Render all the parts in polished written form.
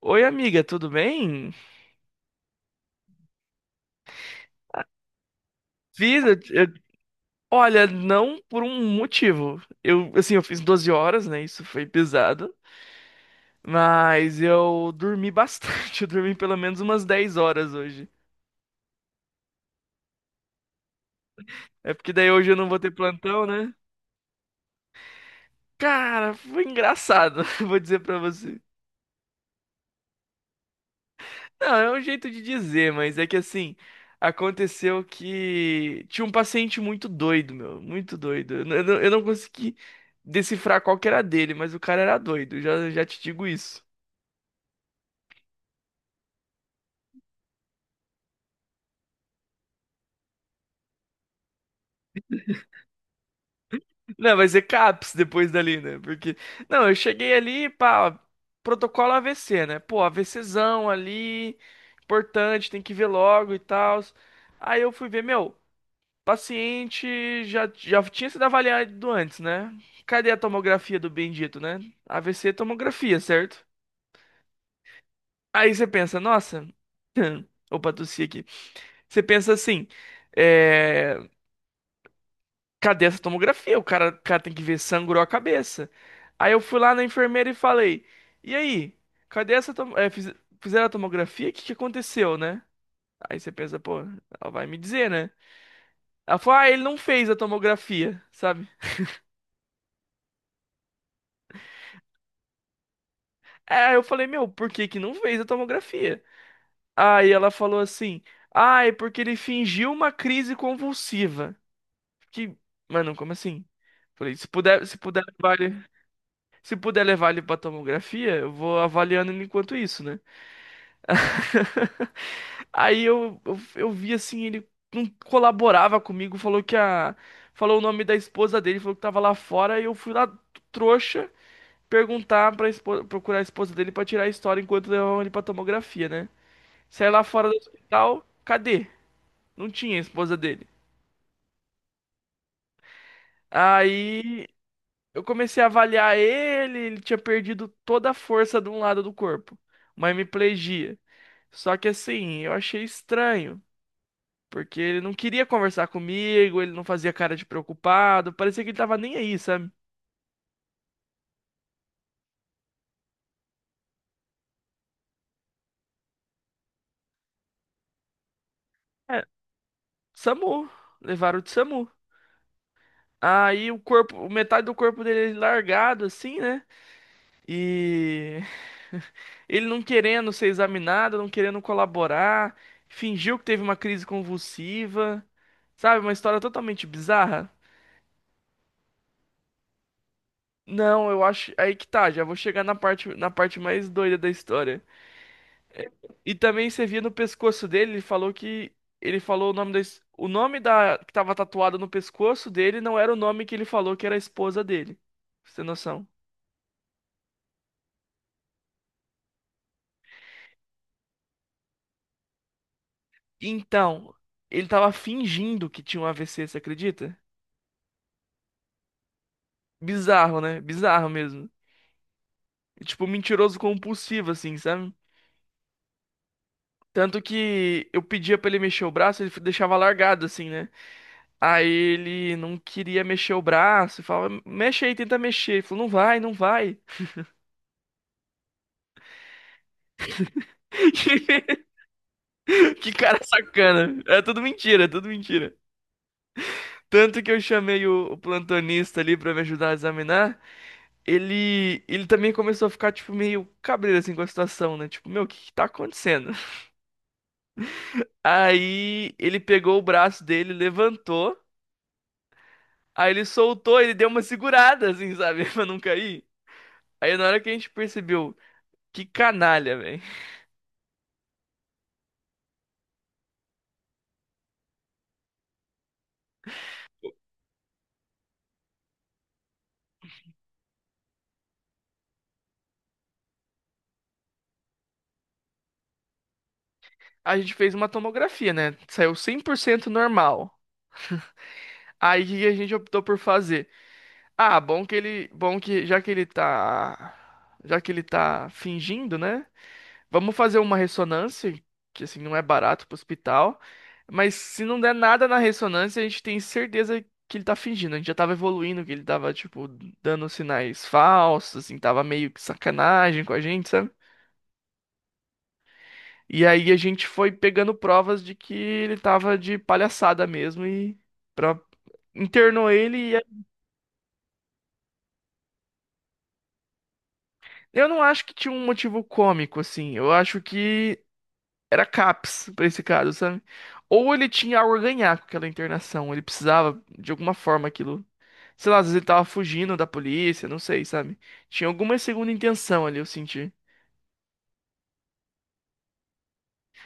Oi, amiga, tudo bem? Fiz, olha, não por um motivo. Eu, assim, eu fiz 12 horas, né? Isso foi pesado. Mas eu dormi bastante. Eu dormi pelo menos umas 10 horas hoje. É porque daí hoje eu não vou ter plantão, né? Cara, foi engraçado, vou dizer pra você. Não, é um jeito de dizer, mas é que assim, aconteceu que tinha um paciente muito doido, meu, muito doido. Eu não consegui decifrar qual que era dele, mas o cara era doido, já te digo isso. Não, vai ser CAPS depois dali, né? Porque, não, eu cheguei ali, pá, protocolo AVC, né? Pô, AVCzão ali, importante, tem que ver logo e tal. Aí eu fui ver, meu. Paciente já tinha sido avaliado antes, né? Cadê a tomografia do bendito, né? AVC é tomografia, certo? Aí você pensa, nossa. Opa, tossi aqui. Você pensa assim, é... cadê essa tomografia? O cara tem que ver, sangrou a cabeça. Aí eu fui lá na enfermeira e falei, e aí? Cadê essa tom... é, fiz- Fizeram a tomografia? O que que aconteceu, né? Aí você pensa, pô, ela vai me dizer, né? Ela falou, ah, ele não fez a tomografia, sabe? Aí eu falei, meu, por que que não fez a tomografia? Aí ela falou assim, ah, é porque ele fingiu uma crise convulsiva. Que, mano, como assim? Falei, se puder levar ele pra tomografia, eu vou avaliando ele enquanto isso, né? Aí eu vi assim, ele não colaborava comigo, falou o nome da esposa dele, falou que tava lá fora, e eu fui lá trouxa perguntar pra esposa, procurar a esposa dele pra tirar a história enquanto levavam ele pra tomografia, né? Saí lá fora do hospital, cadê? Não tinha a esposa dele. Aí eu comecei a avaliar ele, ele tinha perdido toda a força de um lado do corpo, uma hemiplegia. Só que assim, eu achei estranho, porque ele não queria conversar comigo, ele não fazia cara de preocupado, parecia que ele tava nem aí, sabe? É, SAMU, levaram de SAMU. Aí o corpo, metade do corpo dele é largado assim, né? E ele não querendo ser examinado, não querendo colaborar, fingiu que teve uma crise convulsiva, sabe? Uma história totalmente bizarra. Não, eu acho. Aí que tá, já vou chegar na parte mais doida da história. E também você via no pescoço dele, ele falou que. Ele falou O nome da que tava tatuado no pescoço dele não era o nome que ele falou que era a esposa dele. Pra você ter noção. Então, ele tava fingindo que tinha um AVC, você acredita? Bizarro, né? Bizarro mesmo. Tipo, mentiroso compulsivo, assim, sabe? Tanto que eu pedia pra ele mexer o braço, ele deixava largado, assim, né? Aí ele não queria mexer o braço, e falava, mexe aí, tenta mexer. Ele falou, não vai, não vai. Que cara sacana. É tudo mentira, é tudo mentira. Tanto que eu chamei o plantonista ali pra me ajudar a examinar. Ele também começou a ficar, tipo, meio cabreiro, assim, com a situação, né? Tipo, meu, o que que tá acontecendo? Aí ele pegou o braço dele, levantou. Aí ele soltou, ele deu uma segurada, assim, sabe? Pra não cair. Aí na hora que a gente percebeu, que canalha, velho. A gente fez uma tomografia, né? Saiu 100% normal. Aí o que que a gente optou por fazer? Ah, bom que já que ele tá fingindo, né? Vamos fazer uma ressonância, que assim não é barato pro hospital, mas se não der nada na ressonância, a gente tem certeza que ele tá fingindo. A gente já tava evoluindo, que ele tava, tipo, dando sinais falsos, assim, tava meio que sacanagem com a gente, sabe? E aí a gente foi pegando provas de que ele tava de palhaçada mesmo pra... internou ele. E... Eu não acho que tinha um motivo cômico, assim. Eu acho que era CAPS pra esse caso, sabe? Ou ele tinha algo a ganhar com aquela internação, ele precisava de alguma forma aquilo. Sei lá, às vezes ele tava fugindo da polícia, não sei, sabe? Tinha alguma segunda intenção ali, eu senti.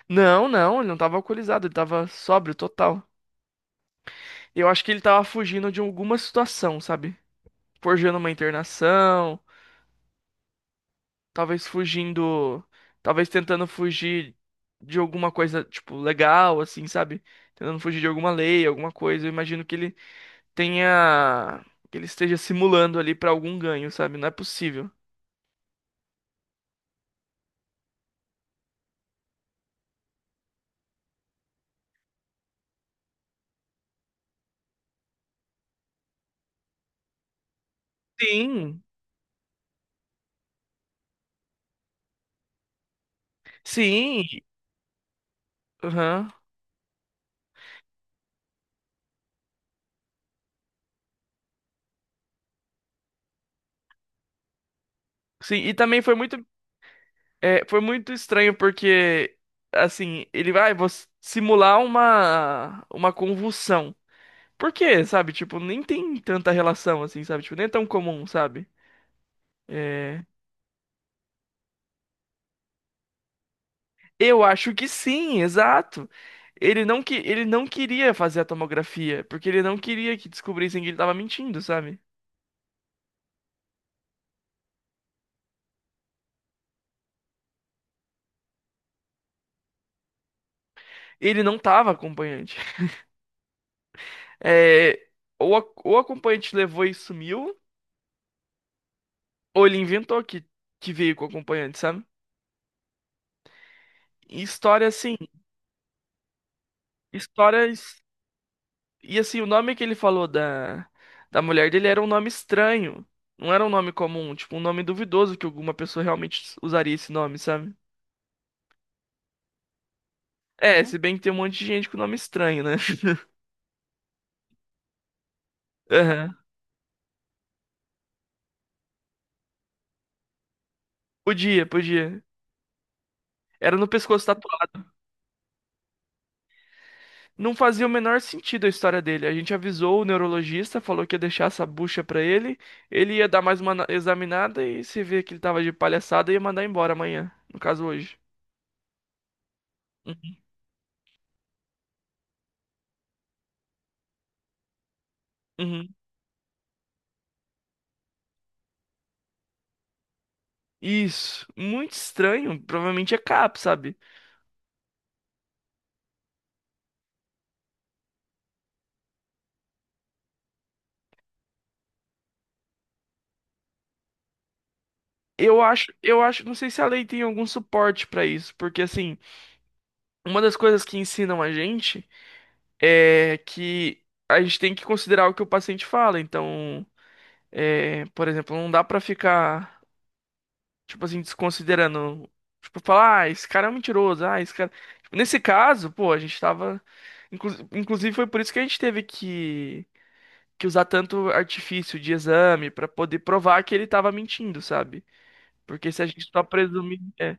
Não, não, ele não tava alcoolizado, ele tava sóbrio total. Eu acho que ele tava fugindo de alguma situação, sabe? Forjando uma internação, talvez fugindo, talvez tentando fugir de alguma coisa, tipo, legal, assim, sabe? Tentando fugir de alguma lei, alguma coisa. Eu imagino que tenha, que ele esteja simulando ali pra algum ganho, sabe? Não é possível. Sim, sim, aham. Sim, e também foi muito estranho porque, assim, ele vai vou simular uma convulsão. Por quê, sabe? Tipo, nem tem tanta relação, assim, sabe? Tipo, nem é tão comum, sabe? É, eu acho que sim, exato. Ele não queria fazer a tomografia, porque ele não queria que descobrissem que ele tava mentindo, sabe? Ele não tava acompanhante. É, ou o acompanhante levou e sumiu, ou ele inventou que veio com o acompanhante, sabe? E histórias. E assim, o nome que ele falou da, da mulher dele era um nome estranho. Não era um nome comum, tipo, um nome duvidoso que alguma pessoa realmente usaria esse nome, sabe? É, se bem que tem um monte de gente com nome estranho, né? Aham. Podia, podia. Era no pescoço, tá. Não fazia o menor sentido a história dele. A gente avisou o neurologista, falou que ia deixar essa bucha pra ele, ele ia dar mais uma examinada e se vê que ele tava de palhaçada, ia mandar embora amanhã, no caso hoje. Uhum. Uhum. Isso, muito estranho, provavelmente é CAP, sabe? Eu acho, não sei se a lei tem algum suporte pra isso, porque assim, uma das coisas que ensinam a gente é que a gente tem que considerar o que o paciente fala, então, é, por exemplo, não dá pra ficar tipo assim, desconsiderando. Tipo, falar, ah, esse cara é um mentiroso, ah, esse cara. Tipo, nesse caso, pô, a gente tava. Inclusive, foi por isso que a gente teve que usar tanto artifício de exame pra poder provar que ele tava mentindo, sabe? Porque se a gente só presumir. É,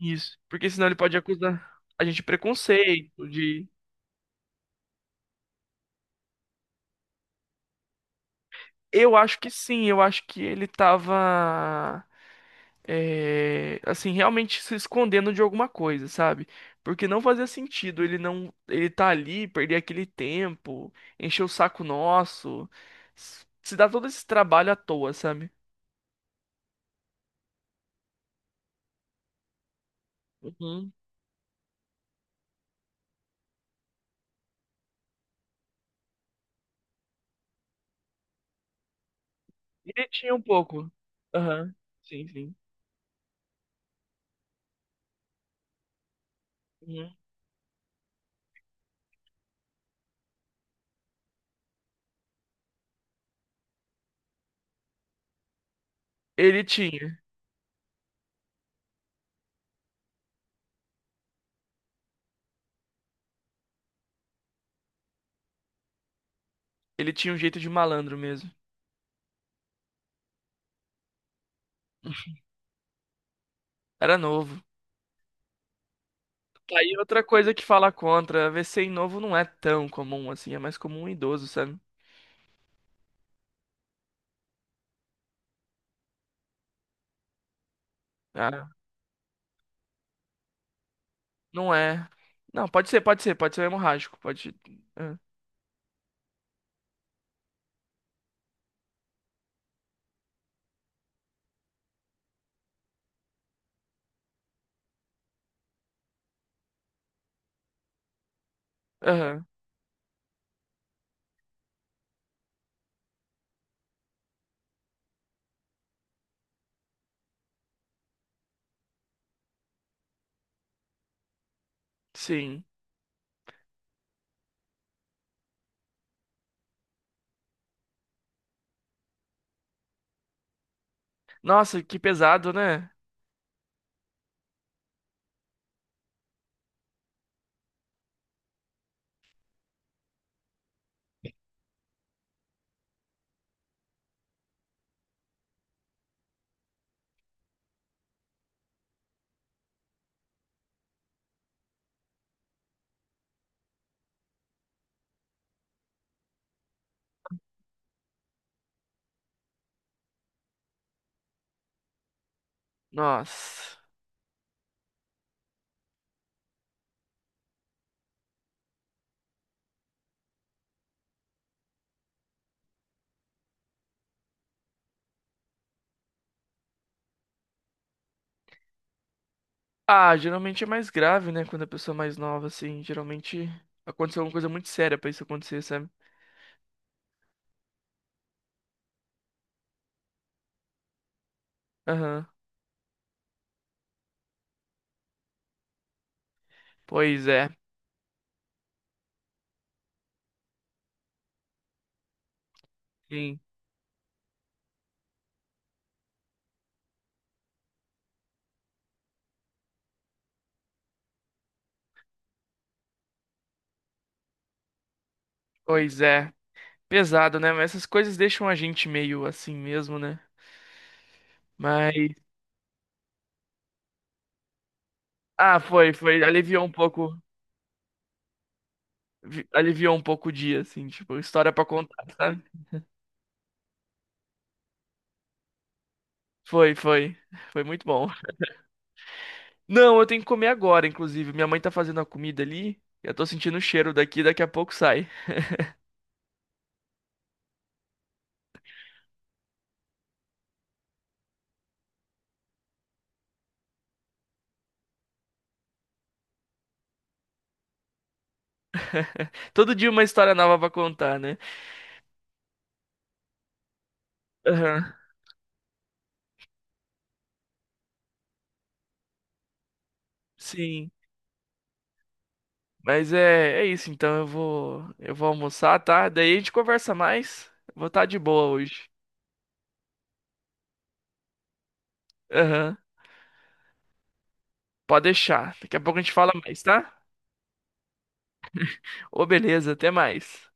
isso. Porque senão ele pode acusar a gente de preconceito, de. Eu acho que ele tava. É, assim, realmente se escondendo de alguma coisa, sabe? Porque não fazia sentido ele não, ele tá ali, perder aquele tempo, encher o saco nosso, se dar todo esse trabalho à toa, sabe? Uhum. Ele tinha um pouco. Aham. Sim, sim. Uhum. Ele tinha. Ele tinha um jeito de malandro mesmo. Era novo. Tá aí outra coisa que fala contra. VC em novo não é tão comum assim, é mais comum em idoso, sabe? Não é. Não, pode ser, pode ser, pode ser hemorrágico, pode. É. Aham, sim. Nossa, que pesado, né? Nossa. Ah, geralmente é mais grave, né? Quando a pessoa é mais nova, assim, geralmente aconteceu alguma coisa muito séria pra isso acontecer, sabe? Aham. Pois é. Sim. Pois é. Pesado, né? Mas essas coisas deixam a gente meio assim mesmo, né? Mas ah, foi, foi, aliviou um pouco, aliviou um pouco o dia, assim, tipo, história pra contar, sabe? Foi, foi. Foi muito bom. Não, eu tenho que comer agora, inclusive. Minha mãe tá fazendo a comida ali. Eu tô sentindo o cheiro daqui, daqui a pouco sai. Todo dia uma história nova pra contar, né? Aham, sim. Mas é, é isso, então eu vou almoçar, tá? Daí a gente conversa mais. Vou estar de boa hoje. Aham, pode deixar. Daqui a pouco a gente fala mais, tá? Ô, beleza, até mais.